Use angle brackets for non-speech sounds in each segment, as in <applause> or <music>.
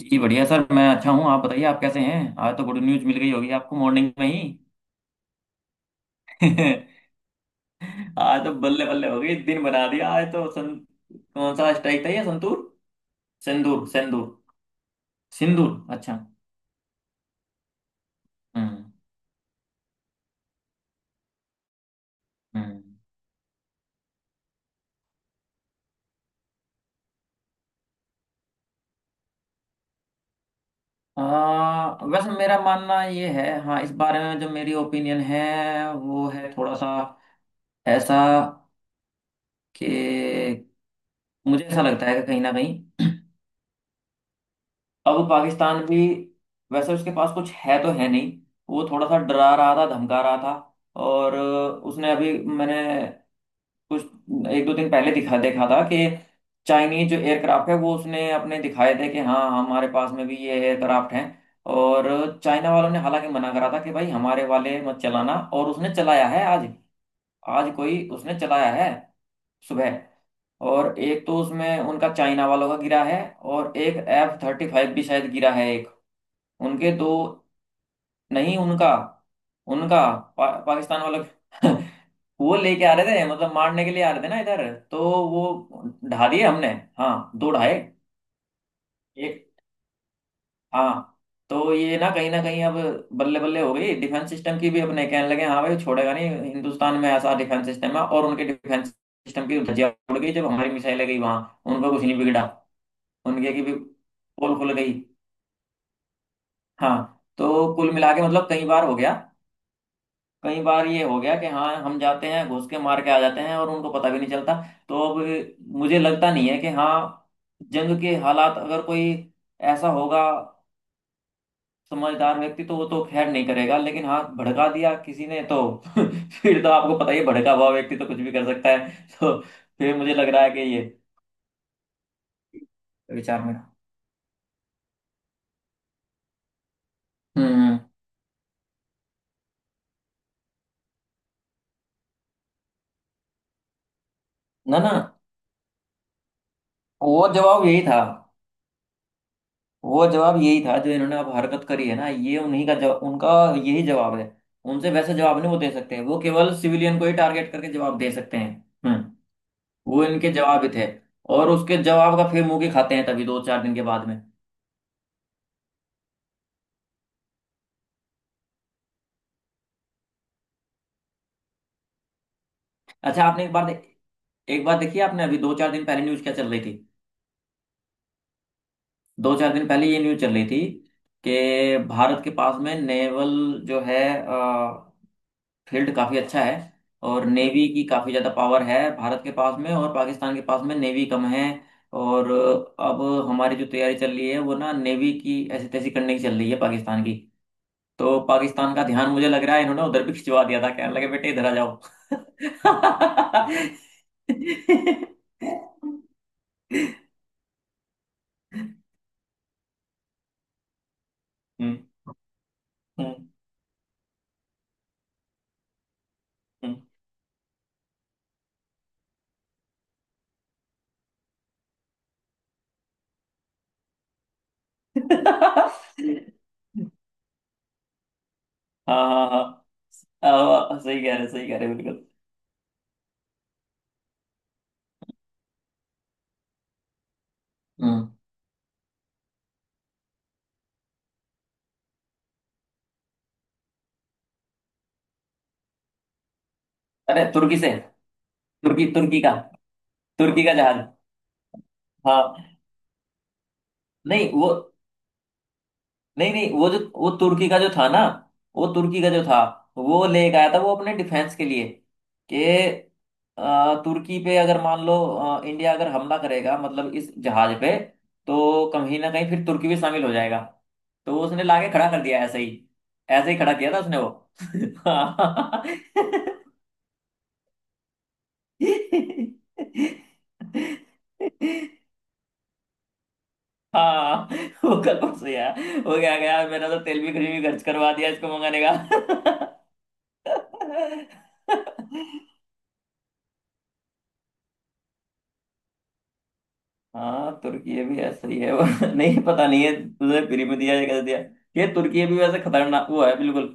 जी बढ़िया सर। मैं अच्छा हूँ। आप बताइए, आप कैसे हैं? आज तो गुड न्यूज़ मिल गई होगी आपको मॉर्निंग में ही। <laughs> आज तो बल्ले बल्ले हो गई, दिन बना दिया आज तो। सन कौन सा स्ट्राइक था ये, संतूर? सिंदूर, सिंदूर। सिंदूर। अच्छा। हम्म। हम्म। वैसे मेरा मानना ये है, हाँ, इस बारे में जो मेरी ओपिनियन है वो है थोड़ा सा ऐसा कि मुझे ऐसा लगता है कि कहीं ना कहीं अब पाकिस्तान भी, वैसे उसके पास कुछ है तो है नहीं, वो थोड़ा सा डरा रहा था, धमका रहा था। और उसने अभी, मैंने कुछ एक दो दिन पहले दिखा देखा था कि चाइनीज जो एयरक्राफ्ट है वो उसने अपने दिखाए थे कि हाँ, हमारे पास में भी ये एयरक्राफ्ट हैं। और चाइना वालों ने हालांकि मना करा था कि भाई, हमारे वाले मत चलाना, और उसने चलाया है आज। आज कोई उसने चलाया है सुबह। और एक तो उसमें उनका, चाइना वालों का, गिरा है। और एक F-35 भी शायद गिरा है, एक। उनके दो। नहीं, उनका। उनका। पाकिस्तान वालों के- <laughs> वो लेके आ रहे थे, मतलब मारने के लिए आ रहे थे ना इधर। तो वो ढा दिए हमने। हाँ, दो ढाए। एक। हाँ, तो ये ना कहीं अब बल्ले बल्ले हो गई डिफेंस सिस्टम की भी। अपने कहने लगे हाँ भाई, छोड़ेगा नहीं, हिंदुस्तान में ऐसा डिफेंस सिस्टम है। और उनके डिफेंस सिस्टम की धज्जियां उड़ गई जब हमारी मिसाइलें गई वहां, उनका कुछ नहीं बिगड़ा। उनके की भी पोल खुल गई। हाँ। तो कुल मिला के मतलब कई बार हो गया, कई बार ये हो गया कि हाँ, हम जाते हैं घुस के मार के आ जाते हैं और उनको पता भी नहीं चलता। तो अब मुझे लगता नहीं है कि हाँ, जंग के हालात अगर कोई ऐसा होगा समझदार व्यक्ति तो वो तो खैर नहीं करेगा, लेकिन हाँ, भड़का दिया किसी ने तो <laughs> फिर तो आपको पता ही है, भड़का हुआ व्यक्ति तो कुछ भी कर सकता है <laughs> तो फिर मुझे लग रहा है कि ये विचार मेरा। हम्म। ना, ना। वो जवाब यही था। वो जवाब यही था जो इन्होंने अब हरकत करी है ना, ये उन्हीं का जवाब। उनका यही जवाब है। उनसे वैसा जवाब नहीं वो दे सकते हैं, वो केवल सिविलियन को ही टारगेट करके जवाब दे सकते हैं। हम्म। वो इनके जवाब ही थे। और उसके जवाब का फिर मुंह की खाते हैं तभी दो चार दिन के बाद में। अच्छा, आपने एक बार देखिए, आपने अभी दो चार दिन पहले न्यूज क्या चल रही थी? दो चार दिन पहले ये न्यूज चल रही थी कि भारत के पास में नेवल जो है फील्ड काफ़ी अच्छा है, और नेवी की काफ़ी ज़्यादा पावर है भारत के पास में, और पाकिस्तान के पास में नेवी कम है। और अब हमारी जो तैयारी चल रही है वो ना नेवी की ऐसी तैसी करने की चल रही है पाकिस्तान की। तो पाकिस्तान का ध्यान, मुझे लग रहा है इन्होंने उधर भी खिंचवा दिया था, कहने लगे बेटे इधर आ जाओ। <laughs> हम्म, हम्म, हम्म। <laughs> हाँ, हाँ। हाँ, हाँ, सही कह रहे, सही कह रहे, बिल्कुल। हम्म। अरे तुर्की से। तुर्की, तुर्की का। तुर्की का जहाज। हाँ। नहीं, वो। नहीं, नहीं, वो जो, वो तुर्की का जो था ना। वो तुर्की का जो था, वो लेके आया था वो अपने डिफेंस के लिए कि तुर्की पे अगर मान लो, इंडिया अगर हमला करेगा मतलब इस जहाज पे, तो कहीं ना कहीं फिर तुर्की भी शामिल हो जाएगा। तो वो उसने लाके खड़ा कर दिया ऐसे ही। ऐसे ही खड़ा किया था उसने वो। <laughs> हाँ। हाँ <laughs> वो कल परसों यार, वो क्या गया, मैंने तो तेल भी खर्च करवा दिया इसको मंगाने का। <laughs> हाँ, तुर्की भी ऐसा ही है वो। <laughs> नहीं, पता नहीं है तुझे, फ्री में दिया या कैसे दिया। ये तुर्की भी वैसे खतरनाक वो है, बिल्कुल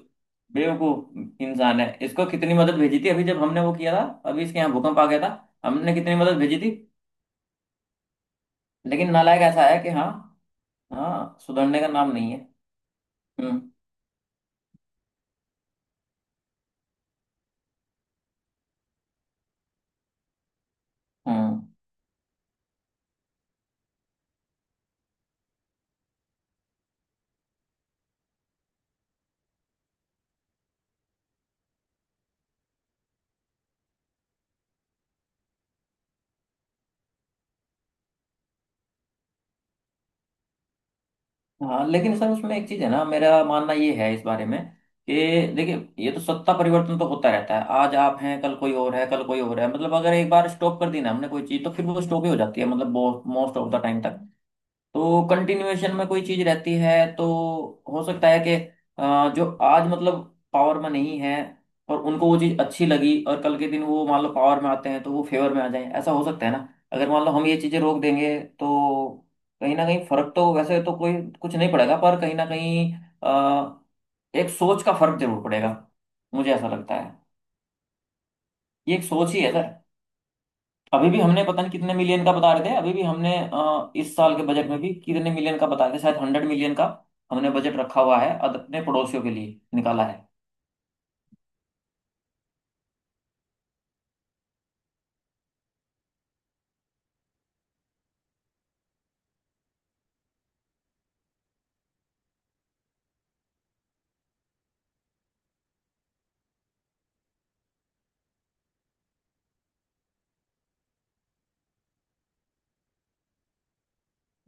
बेवकूफ इंसान है। इसको कितनी मदद भेजी थी अभी जब हमने वो किया था। अभी इसके यहाँ भूकंप आ गया था, हमने कितनी मदद भेजी थी। लेकिन नालायक ऐसा है कि हाँ, हाँ, सुधरने का नाम नहीं है। हम्म। हम्म। हाँ, लेकिन सर उसमें एक चीज है ना, मेरा मानना ये है इस बारे में कि देखिए, ये तो सत्ता परिवर्तन तो होता रहता है, आज आप हैं, कल कोई और है, कल कोई और है। मतलब अगर एक बार स्टॉप कर दी ना हमने कोई चीज तो फिर वो स्टॉप ही हो जाती है मतलब मोस्ट ऑफ द टाइम तक। तो कंटिन्यूएशन में कोई चीज रहती है तो हो सकता है कि जो आज मतलब पावर में नहीं है और उनको वो चीज अच्छी लगी और कल के दिन वो मान लो पावर में आते हैं, तो वो फेवर में आ जाए। ऐसा हो सकता है ना, अगर मान लो हम ये चीजें रोक देंगे तो कहीं ना कहीं फर्क तो वैसे तो कोई कुछ नहीं पड़ेगा, पर कहीं ना कहीं अ, एक सोच का फर्क जरूर पड़ेगा, मुझे ऐसा लगता है। ये एक सोच ही है सर। अभी भी हमने पता नहीं कितने मिलियन का बता रहे थे, अभी भी हमने इस साल के बजट में भी कितने मिलियन का बता रहे थे, शायद 100 million का हमने बजट रखा हुआ है, अपने पड़ोसियों के लिए निकाला है।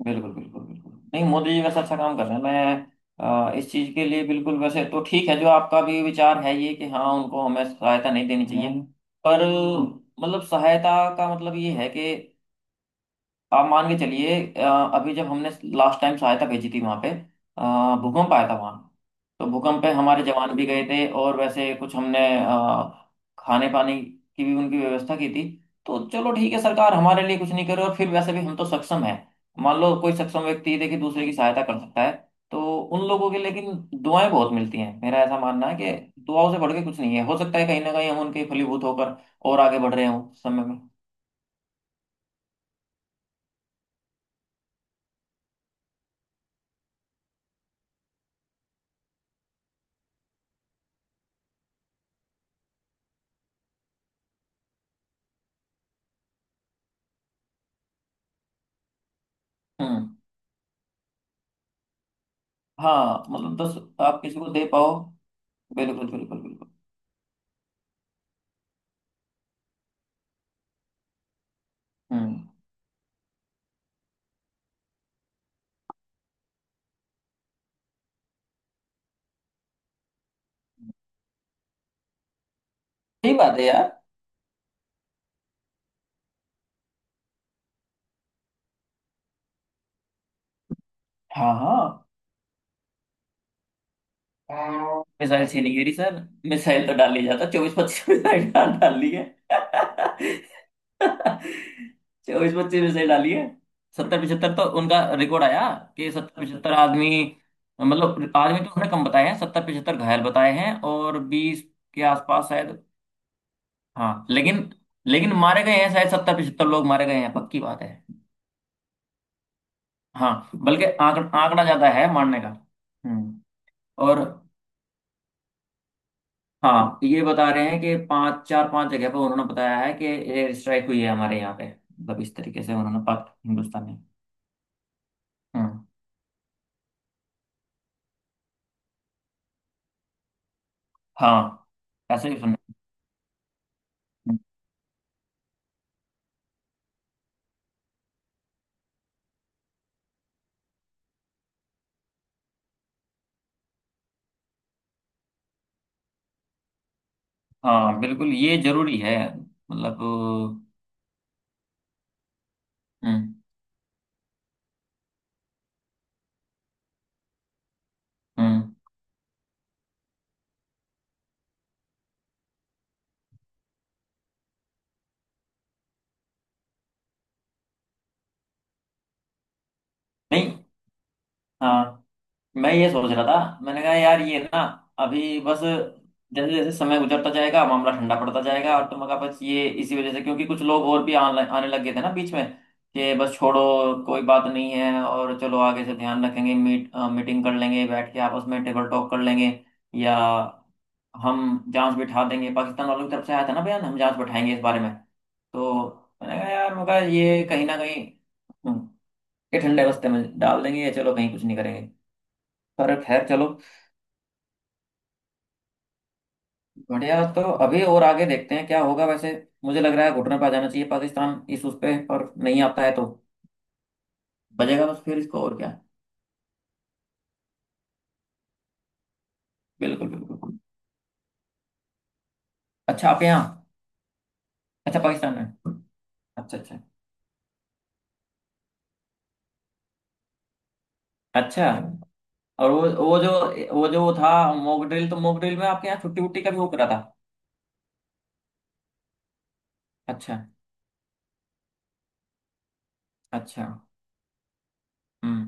बिल्कुल, बिल्कुल, बिल्कुल। नहीं, मोदी जी वैसे अच्छा काम कर रहे हैं। मैं इस चीज के लिए बिल्कुल वैसे तो ठीक है, जो आपका भी विचार है ये कि हाँ, उनको हमें सहायता नहीं देनी चाहिए। हम्म। पर मतलब सहायता का मतलब ये है कि आप मान के चलिए, अभी जब हमने लास्ट टाइम सहायता भेजी थी वहां पे, भूकंप आया था वहां। तो भूकंप पे हमारे जवान भी गए थे, और वैसे कुछ हमने अ, खाने पानी की भी उनकी व्यवस्था की थी। तो चलो ठीक है, सरकार हमारे लिए कुछ नहीं करे और फिर वैसे भी हम तो सक्षम है। मान लो कोई सक्षम व्यक्ति, देखिए, दूसरे की सहायता कर सकता है तो उन लोगों की, लेकिन दुआएं बहुत मिलती हैं। मेरा ऐसा मानना है कि दुआओं से बढ़ के कुछ नहीं है, हो सकता है कहीं ना कहीं हम उनके फलीभूत होकर और आगे बढ़ रहे हों समय में। हम्म। हाँ, मतलब दस आप किसी को दे पाओ। बिल्कुल, बिल्कुल, बिल्कुल। हम्म। सही बात है यार। हाँ, हाँ, मिसाइल छीनी गिरी सर। मिसाइल तो डाल ली जाता, 24-25 मिसाइल डाल डाल ली है। 24-25 मिसाइल डाली है। 70-75 तो उनका रिकॉर्ड आया कि 70-75 आदमी, मतलब आदमी तो उन्होंने कम बताए हैं, 70-75 घायल बताए हैं, और 20 के आसपास शायद। हाँ, लेकिन लेकिन मारे गए हैं शायद, 70-75 लोग मारे गए हैं, पक्की बात है। हाँ, बल्कि आंकड़ा ज्यादा है मारने का। हम्म। और हाँ, ये बता रहे हैं कि पांच, चार, पांच जगह पर उन्होंने बताया है कि एयर स्ट्राइक हुई है हमारे यहाँ पे, मतलब इस तरीके से उन्होंने पाक हिंदुस्तान में। हम्म। हाँ, ऐसे ही सुना। हम्म, हाँ, बिल्कुल, ये जरूरी है मतलब। हम्म। हम्म। नहीं। हाँ, मैं ये सोच रहा था, मैंने कहा यार ये ना, अभी बस जैसे जैसे समय गुजरता जाएगा मामला ठंडा पड़ता जाएगा, और तो मगर बस ये इसी वजह से क्योंकि कुछ लोग और भी आने आने लग गए थे ना बीच में, कि बस छोड़ो, कोई बात नहीं है, और चलो आगे से ध्यान रखेंगे, मीटिंग कर लेंगे बैठ के आपस में, टेबल टॉक कर लेंगे, या हम जांच बिठा देंगे, पाकिस्तान वालों की तरफ से आया था ना बयान, हम जांच बिठाएंगे इस बारे में। तो मैंने कहा यार, मैं कहा ये कहीं ना कहीं। हम्म। ये ठंडे रास्ते में डाल देंगे या चलो कहीं कुछ नहीं करेंगे, पर खैर चलो। बढ़िया तो अभी और आगे देखते हैं क्या होगा वैसे। मुझे लग रहा है घुटने पर आ जाना चाहिए पाकिस्तान इस उस पे, और नहीं आता है तो बजेगा बस फिर, इसको और क्या। बिल्कुल, बिल्कुल। अच्छा, आप यहाँ? अच्छा, पाकिस्तान में? अच्छा, अच्छा। अच्छा। और वो जो वो जो वो था मॉक ड्रिल, तो मॉक ड्रिल में आपके यहाँ छुट्टी वुट्टी का भी वो करा था? अच्छा। अच्छा। हम्म।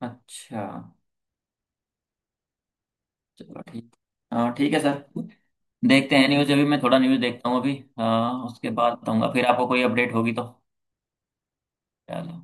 अच्छा। चलो ठीक। हाँ, ठीक है सर। देखते हैं न्यूज़, अभी मैं थोड़ा न्यूज़ देखता हूँ अभी। हाँ, उसके बाद बताऊंगा फिर आपको कोई अपडेट होगी तो। चलो।